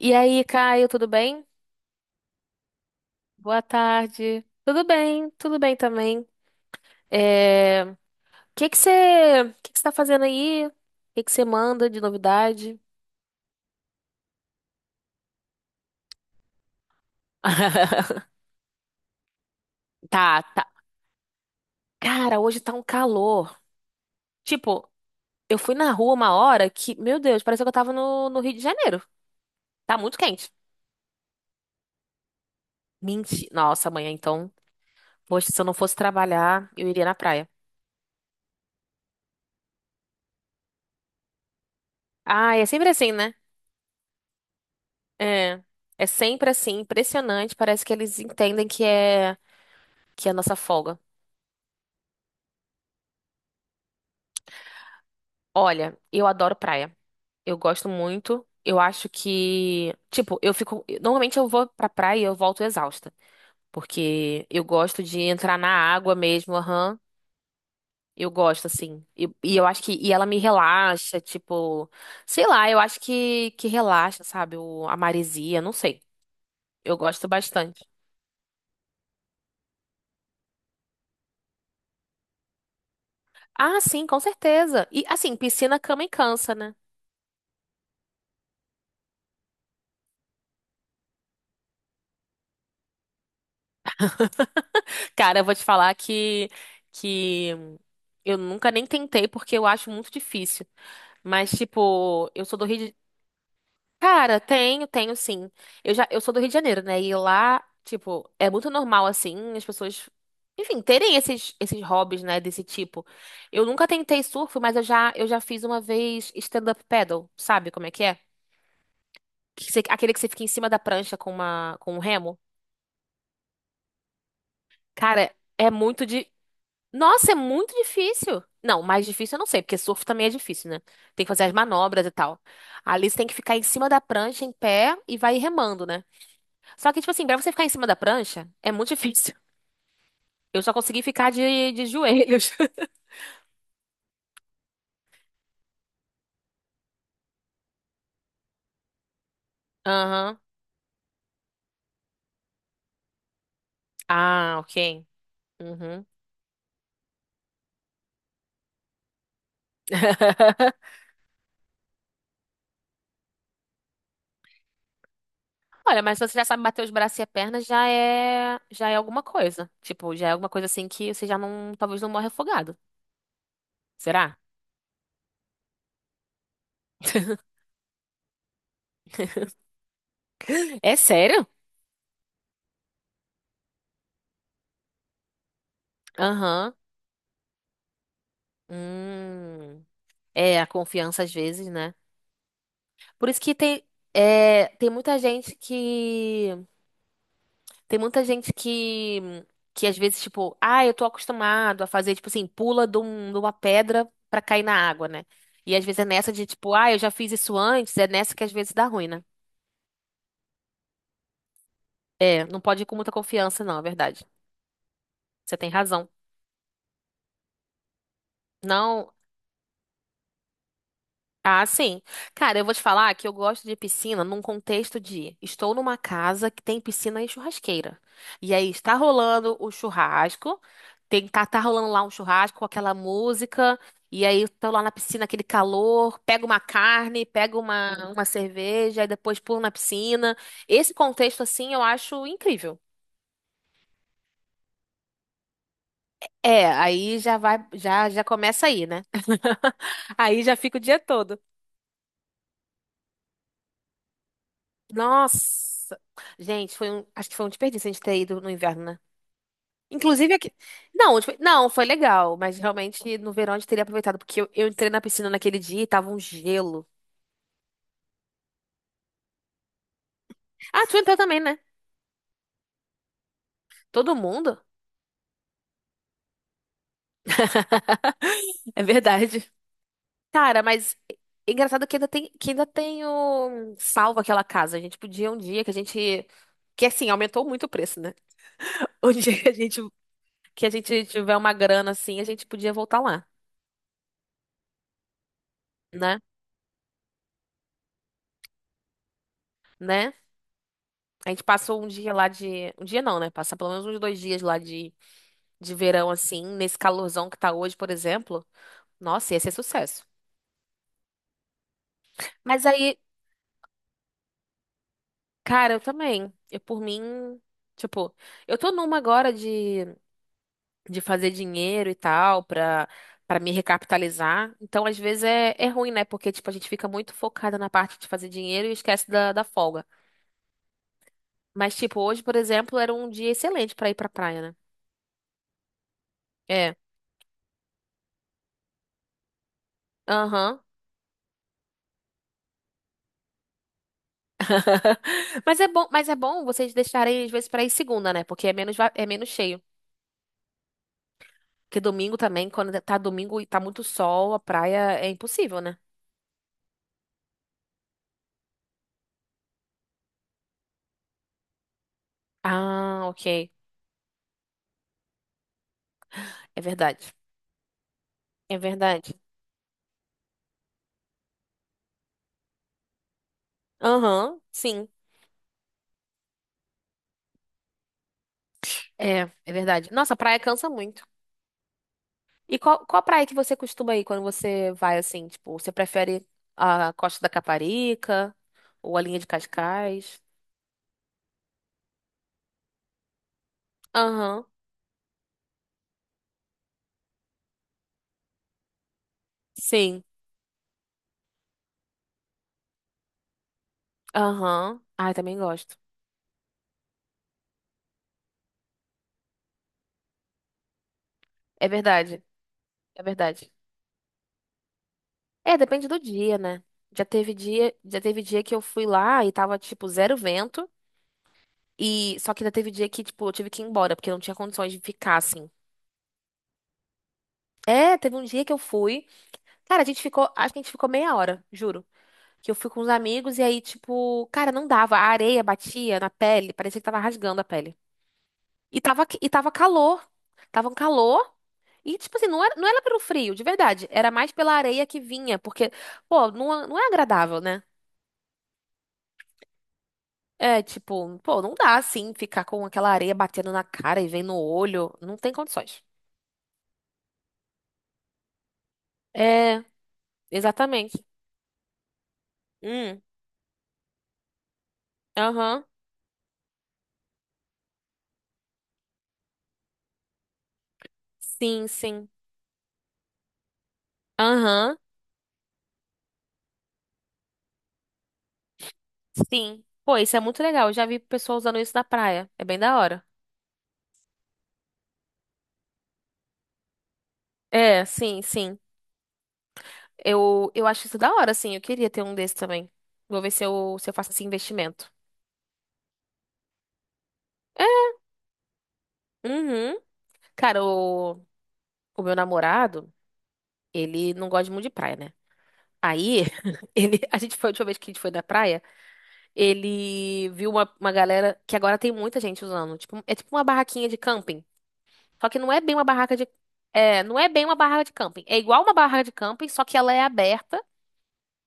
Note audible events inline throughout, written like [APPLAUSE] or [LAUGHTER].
E aí, Caio, tudo bem? Boa tarde. Tudo bem também. É... O o que que você tá fazendo aí? O que que você manda de novidade? [LAUGHS] Tá, tá. Cara, hoje tá um calor. Tipo, eu fui na rua uma hora que, meu Deus, parecia que eu tava no Rio de Janeiro. Tá muito quente. Mentira. Nossa, amanhã então. Poxa, se eu não fosse trabalhar, eu iria na praia. Ah, é sempre assim, né? É. É sempre assim, impressionante. Parece que eles entendem que é a nossa folga. Olha, eu adoro praia. Eu gosto muito. Eu acho que, tipo, eu fico, normalmente eu vou pra praia e eu volto exausta, porque eu gosto de entrar na água mesmo, aham. Eu gosto assim. E eu acho que ela me relaxa, tipo, sei lá, eu acho que relaxa, sabe? A maresia, não sei. Eu gosto bastante. Ah, sim, com certeza. E assim, piscina cama e cansa, né? Cara, eu vou te falar que eu nunca nem tentei porque eu acho muito difícil. Mas, tipo, eu sou do Rio de... Cara, tenho, tenho sim. Eu sou do Rio de Janeiro, né? E lá, tipo, é muito normal, assim, as pessoas, enfim, terem esses hobbies, né, desse tipo. Eu nunca tentei surf, mas eu já fiz uma vez stand-up paddle, sabe como é que é? Aquele que você fica em cima da prancha com um remo. Cara, Nossa, é muito difícil. Não, mais difícil eu não sei, porque surf também é difícil, né? Tem que fazer as manobras e tal. Ali você tem que ficar em cima da prancha, em pé, e vai remando, né? Só que, tipo assim, pra você ficar em cima da prancha, é muito [LAUGHS] difícil. Eu só consegui ficar de joelhos. [LAUGHS] Aham. Ah, ok. Uhum. [LAUGHS] Olha, mas se você já sabe bater os braços e a perna, já é alguma coisa. Tipo, já é alguma coisa assim que você já não, talvez não morre afogado. Será? [LAUGHS] É sério? Aham. Hum. É, a confiança às vezes, né? Por isso que tem, tem muita gente que. Tem muita gente que. Que às vezes, tipo, ah, eu tô acostumado a fazer, tipo assim, pula de uma pedra pra cair na água, né? E às vezes é nessa de, tipo, ah, eu já fiz isso antes, é nessa que às vezes dá ruim, né? É, não pode ir com muita confiança, não, é verdade. Você tem razão. Não, ah, sim. Cara, eu vou te falar que eu gosto de piscina num contexto de estou numa casa que tem piscina e churrasqueira. E aí está rolando o churrasco, tá rolando lá um churrasco com aquela música, e aí eu tô lá na piscina, aquele calor, pego uma carne, pego uma cerveja, e depois pulo na piscina. Esse contexto, assim, eu acho incrível. É, aí já vai, já começa aí, né? [LAUGHS] Aí já fica o dia todo. Nossa! Gente, acho que foi um desperdício a gente ter ido no inverno, né? Inclusive aqui. Não, tipo, não, foi legal, mas realmente no verão a gente teria aproveitado, porque eu entrei na piscina naquele dia e tava um gelo. Ah, tu entrou também, né? Todo mundo? É verdade. Cara, mas é engraçado que ainda tenho salvo aquela casa. A gente podia um dia que a gente. Que assim, aumentou muito o preço, né? [LAUGHS] Um dia que a gente tiver uma grana assim, a gente podia voltar lá, né? Né? A gente passou um dia lá de. Um dia não, né? Passar pelo menos uns dois dias lá de verão, assim, nesse calorzão que tá hoje, por exemplo. Nossa, ia ser sucesso. Mas aí, cara, eu também. Eu, por mim, tipo, eu tô numa agora de fazer dinheiro e tal, pra me recapitalizar. Então, às vezes é ruim, né? Porque, tipo, a gente fica muito focada na parte de fazer dinheiro e esquece da folga. Mas, tipo, hoje, por exemplo, era um dia excelente pra ir pra praia, né? É. Aham. [LAUGHS] Mas é bom vocês deixarem às vezes pra ir segunda, né? Porque é menos cheio. Porque domingo também, quando tá domingo e tá muito sol, a praia é impossível, né? Ah, ok. É verdade. É verdade. Aham, sim. É, é verdade. Nossa, a praia cansa muito. E qual praia que você costuma ir quando você vai assim? Tipo, você prefere a Costa da Caparica ou a linha de Cascais? Aham, sim. Aham. Ai, também gosto. É verdade. É verdade. É, depende do dia, né? Já teve dia que eu fui lá e tava, tipo, zero vento. E só que já teve dia que, tipo, eu tive que ir embora, porque não tinha condições de ficar assim. É, teve um dia que eu fui. Cara, a gente ficou, acho que a gente ficou meia hora, juro. Que eu fui com os amigos e aí, tipo, cara, não dava. A areia batia na pele, parecia que tava rasgando a pele. E tava calor. Tava um calor. E, tipo assim, não era pelo frio, de verdade. Era mais pela areia que vinha, porque, pô, não, não é agradável, né? É, tipo, pô, não dá assim ficar com aquela areia batendo na cara e vem no olho. Não tem condições. É, exatamente. Hum, aham. Sim, sim. Aham, sim. Pô, isso é muito legal. Eu já vi pessoa usando isso na praia. É bem da hora. É, sim, sim. Eu acho isso da hora, sim. Eu queria ter um desse também. Vou ver se eu faço esse investimento. É, uhum. Cara, o meu namorado, ele não gosta muito de praia, né? Aí, [LAUGHS] a gente foi, a última vez que a gente foi na praia. Ele viu uma galera que agora tem muita gente usando. Tipo, é tipo uma barraquinha de camping. Só que não é bem uma barraca de. É, não é bem uma barraca de camping. É igual uma barraca de camping, só que ela é aberta.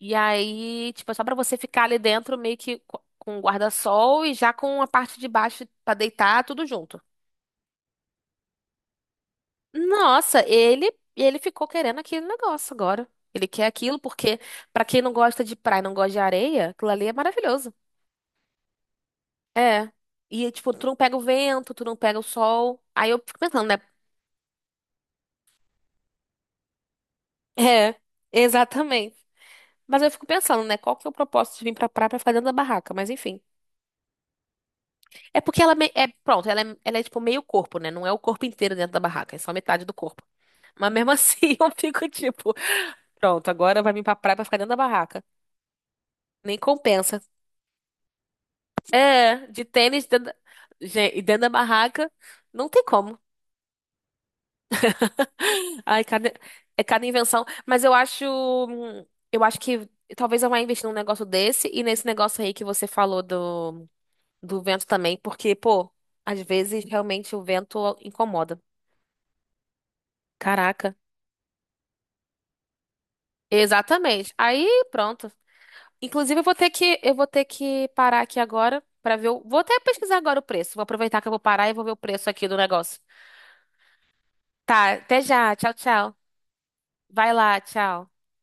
E aí, tipo, é só pra você ficar ali dentro meio que com o guarda-sol e já com a parte de baixo pra deitar, tudo junto. Nossa, ele ficou querendo aquele negócio agora. Ele quer aquilo porque pra quem não gosta de praia, não gosta de areia, aquilo ali é maravilhoso. É. E, tipo, tu não pega o vento, tu não pega o sol. Aí eu fico pensando, né? É, exatamente. Mas eu fico pensando, né? Qual que é o propósito de vir pra praia pra ficar dentro da barraca? Mas enfim. É porque é, pronto, ela é tipo meio corpo, né? Não é o corpo inteiro dentro da barraca, é só metade do corpo. Mas mesmo [LAUGHS] assim eu fico tipo, pronto, agora vai vir pra praia pra ficar dentro da barraca. Nem compensa. É, de tênis dentro da... Gente, e dentro da barraca, não tem como. Ai, cada invenção. Mas eu acho que talvez eu vá investir num negócio desse e nesse negócio aí que você falou do vento também, porque, pô, às vezes realmente o vento incomoda. Caraca. Exatamente. Aí, pronto. Inclusive, eu vou ter que parar aqui agora pra vou até pesquisar agora o preço. Vou aproveitar que eu vou parar e vou ver o preço aqui do negócio. Tá, até já. Tchau, tchau. Vai lá, tchau.